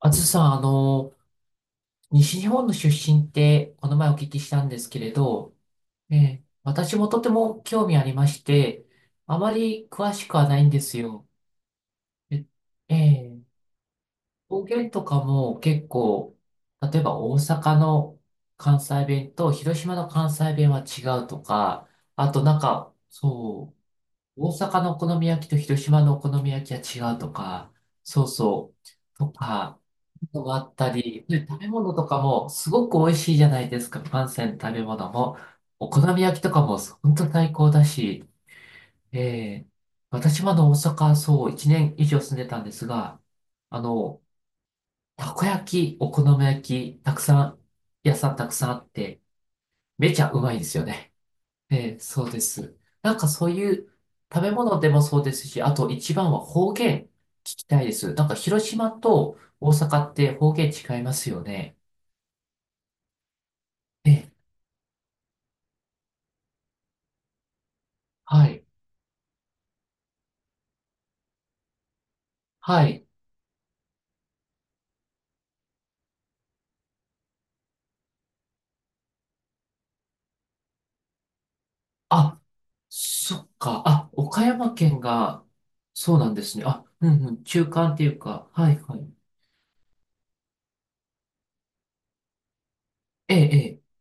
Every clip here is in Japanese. あずさん、西日本の出身って、この前お聞きしたんですけれど、私もとても興味ありまして、あまり詳しくはないんですよ。え、ええ、方言とかも結構、例えば大阪の関西弁と広島の関西弁は違うとか、あとなんか、そう、大阪のお好み焼きと広島のお好み焼きは違うとか、そうそう、とか、のがあったり、で、食べ物とかもすごく美味しいじゃないですか、関西の食べ物も。お好み焼きとかも本当最高だし、ええ私まだ大阪、そう、1年以上住んでたんですが、あの、たこ焼き、お好み焼き、たくさん、屋さんたくさんあって、めちゃうまいですよね。ええ、そうです。なんかそういう食べ物でもそうですし、あと一番は方言聞きたいです。なんか広島と大阪って方言違いますよね。ええ、はい。はい。あ、そっか。あ、岡山県が、そうなんですね。あ、うんうん。中間っていうか。はいはい。ええ、ええ。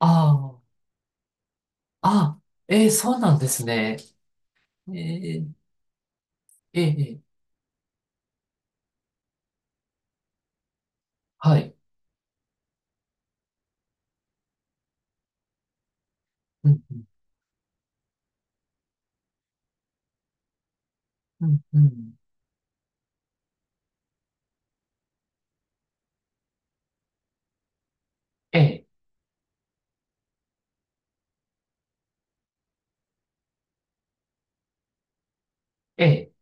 ああ、あ、ええ、そうなんですね。ええ、ええ、ええ、はい。うん、うん、うん、うん。ええ、ええ、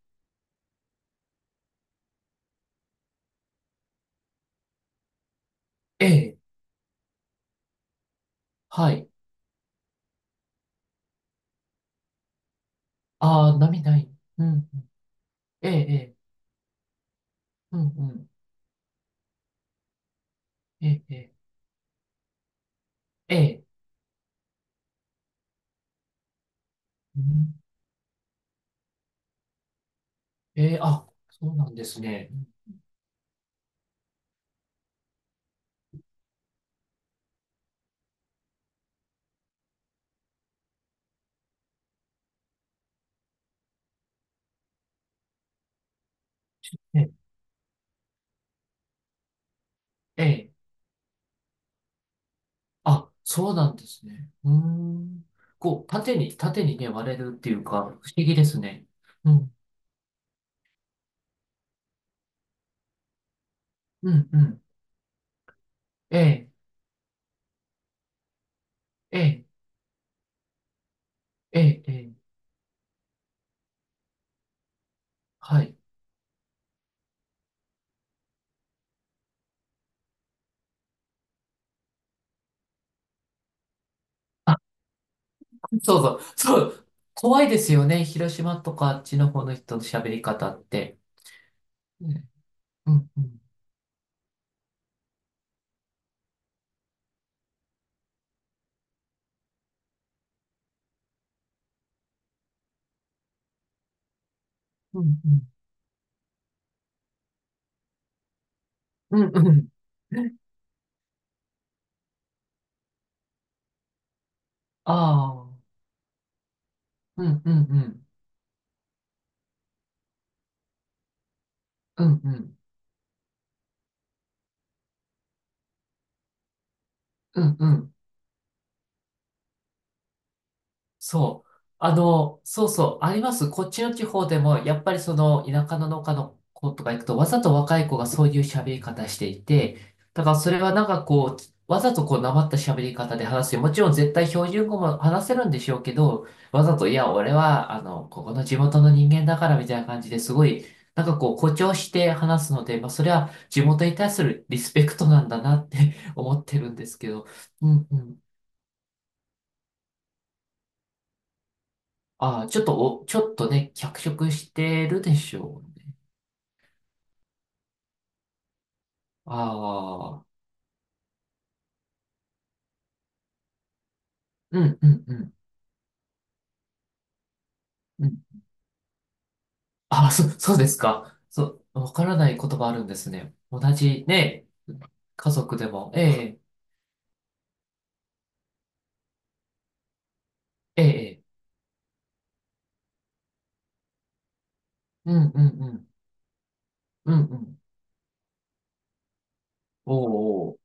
ええ、はい。ああ、波ない。うん、ええ、ええ、うん、うん。ええ、ええ、ええ、うん、ええ、あ、そうなんですね。ええ、ええ、あ、そうなんですね。うーん。こう、縦に、縦にね、割れるっていうか、不思議ですね。うん、うん、うん。ええ、ええ、ええ、ええ、はい。あ、そうそう、そう。怖いですよね。広島とかあっちの方の人の喋り方って。ね、うん、うん、うん、うん、うん、うん。ああ、うん、うん、うん、うん、うん、うん、うん。そう。そうそう、あります。こっちの地方でも、やっぱりその田舎の農家の子とか行くと、わざと若い子がそういう喋り方していて、だからそれはなんかこう、わざとこう、なまった喋り方で話すよ。もちろん絶対標準語も話せるんでしょうけど、わざと、いや、俺は、ここの地元の人間だからみたいな感じですごい、なんかこう、誇張して話すので、まあ、それは地元に対するリスペクトなんだなって 思ってるんですけど、うん、うん。ああ、ちょっとお、ちょっとね、脚色してるでしょうね。ああ、うん、うん、うん、うん。ああ、そ、そうですか。そう、わからない言葉あるんですね。同じ、ね、家族でも、ええ、ええ、うん、うん、うん、うん、うん。おうおう、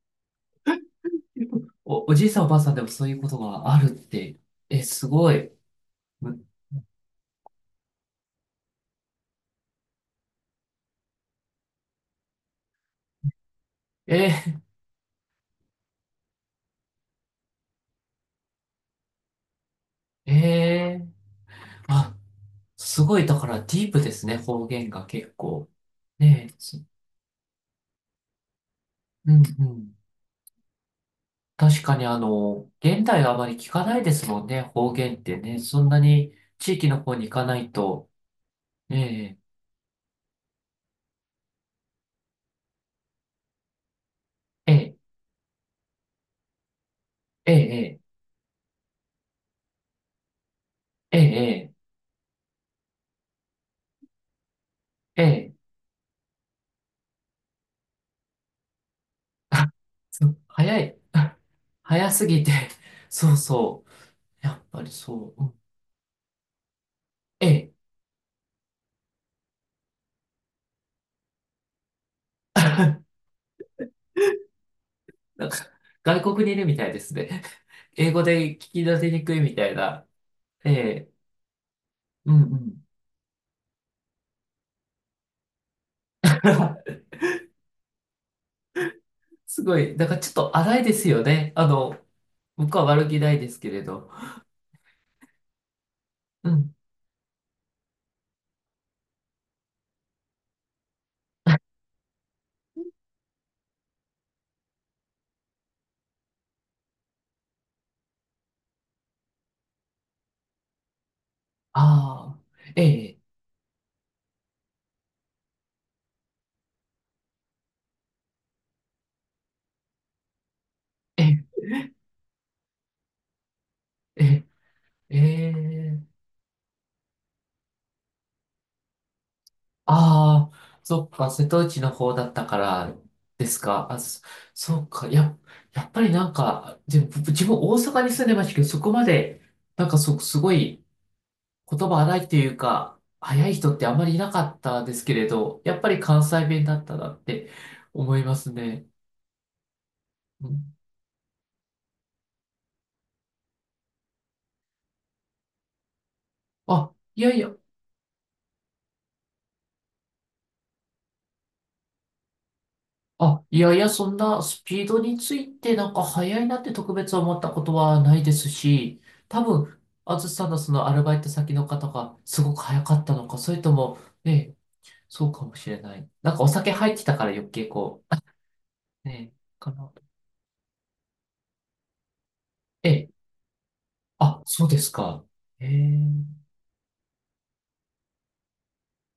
お、おじいさんおばあさんでもそういうことがあるって、え、すごい。む、ええ、ええ、あ、すごい、だからディープですね、方言が結構。ねえ、そ、うん、うん。確かにあの、現代はあまり聞かないですもんね、方言ってね。そんなに地域の方に行かないと、ええ、ええ、ええ、ええ、ええ、ええ、あ、そう、早い、あ、早すぎて、そうそう、やっぱりそう、うん、ええ、なんか外国にいるみたいですね。英語で聞き出せにくいみたいな、ええ、うんうん。すごい、だからちょっと荒いですよね。あの、僕は悪気ないですけれど。うん、ああ、ええ、ええ、ええ、ええ、ああ、そっか、瀬戸内の方だったからですか。あ、そ、そっか、や、やっぱりなんか、でも僕自分大阪に住んでましたけど、そこまで、なんかそ、すごい言葉荒いっていうか、早い人ってあんまりいなかったですけれど、やっぱり関西弁だったなって思いますね。うん、あ、いやいや、あ、いやいや、そんなスピードについてなんか速いなって特別思ったことはないですし、多分、あずさんのそのアルバイト先の方がすごく早かったのか、それとも、ね、そうかもしれない。なんかお酒入ってたから余計こう、ね、かな。ええ、あ、そうですか。ええ、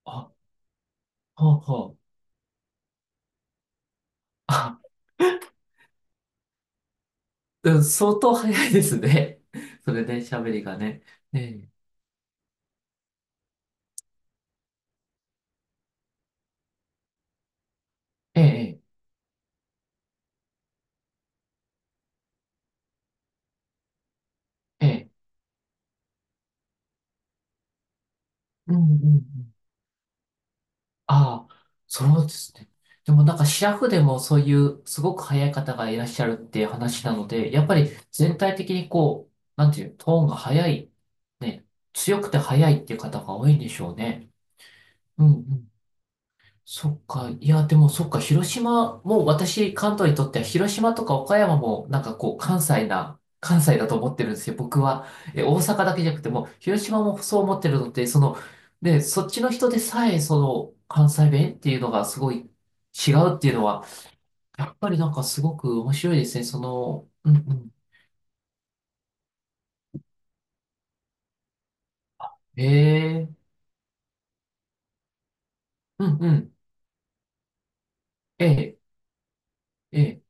あ、はあ、はあ。あ、うん、相当早いですね。それで喋りがね。ええ、ええ、ええ、ええ、うんうんうん。ああ、そうですね。でもなんかシラフでもそういうすごく早い方がいらっしゃるっていう話なので、やっぱり全体的にこう、なんていう、トーンが早い、ね、強くて早いっていう方が多いんでしょうね。うんうん、そっか。いや、でもそっか。広島、もう私、関東にとっては広島とか岡山もなんかこう、関西な、関西だと思ってるんですよ。僕は。え、大阪だけじゃなくても、広島もそう思ってるのってその、で、そっちの人でさえ、その、関西弁っていうのがすごい違うっていうのは、やっぱりなんかすごく面白いですね。その、うんうん。ええ、うんうん。ええ、ええ、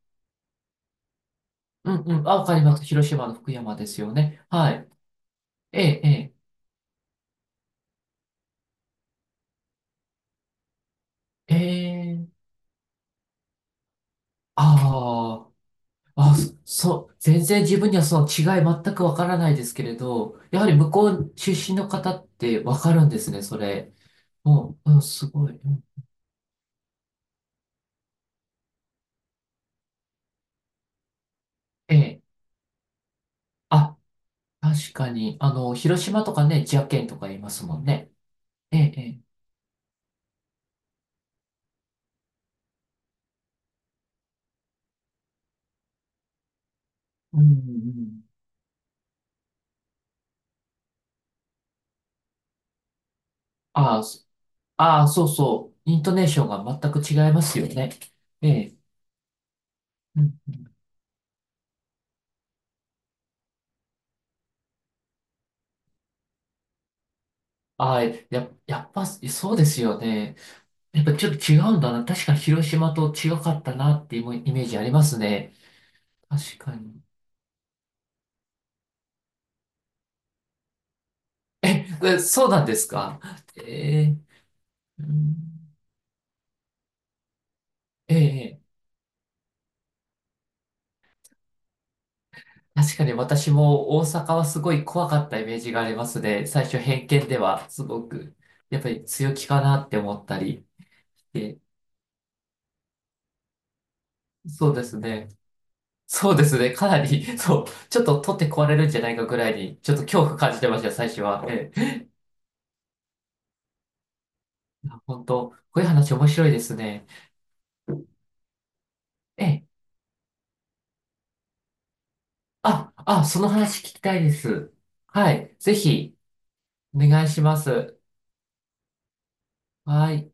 うんうん。あ、わかります。広島の福山ですよね。はい。ええ、ええ、ええ、ああ。あ、そ、そう、全然自分にはその違い全くわからないですけれど、やはり向こう出身の方ってわかるんですね、それ。もう、うん、すごい。うん、ええ。あ、確かに。広島とかね、ジャケンとか言いますもんね。ええ、ええ。うん、うん。ああ、そ、ああ、そうそう。イントネーションが全く違いますよね。ええ。うん、ああ、や、やっぱ、そうですよね。やっぱちょっと違うんだな。確かに広島と違かったなっていうイメージありますね。確かに。え、えそうなんですか。えー、うん、ええ、確かに私も大阪はすごい怖かったイメージがありますね。最初偏見ではすごく、やっぱり強気かなって思ったり。で、そうですね。そうですね。かなり、そう、ちょっと取って壊れるんじゃないかぐらいに、ちょっと恐怖感じてました、最初は。ええ、いや本当、こういう話面白いですね。ええ、あ、あ、その話聞きたいです。はい、ぜひ、お願いします。はい。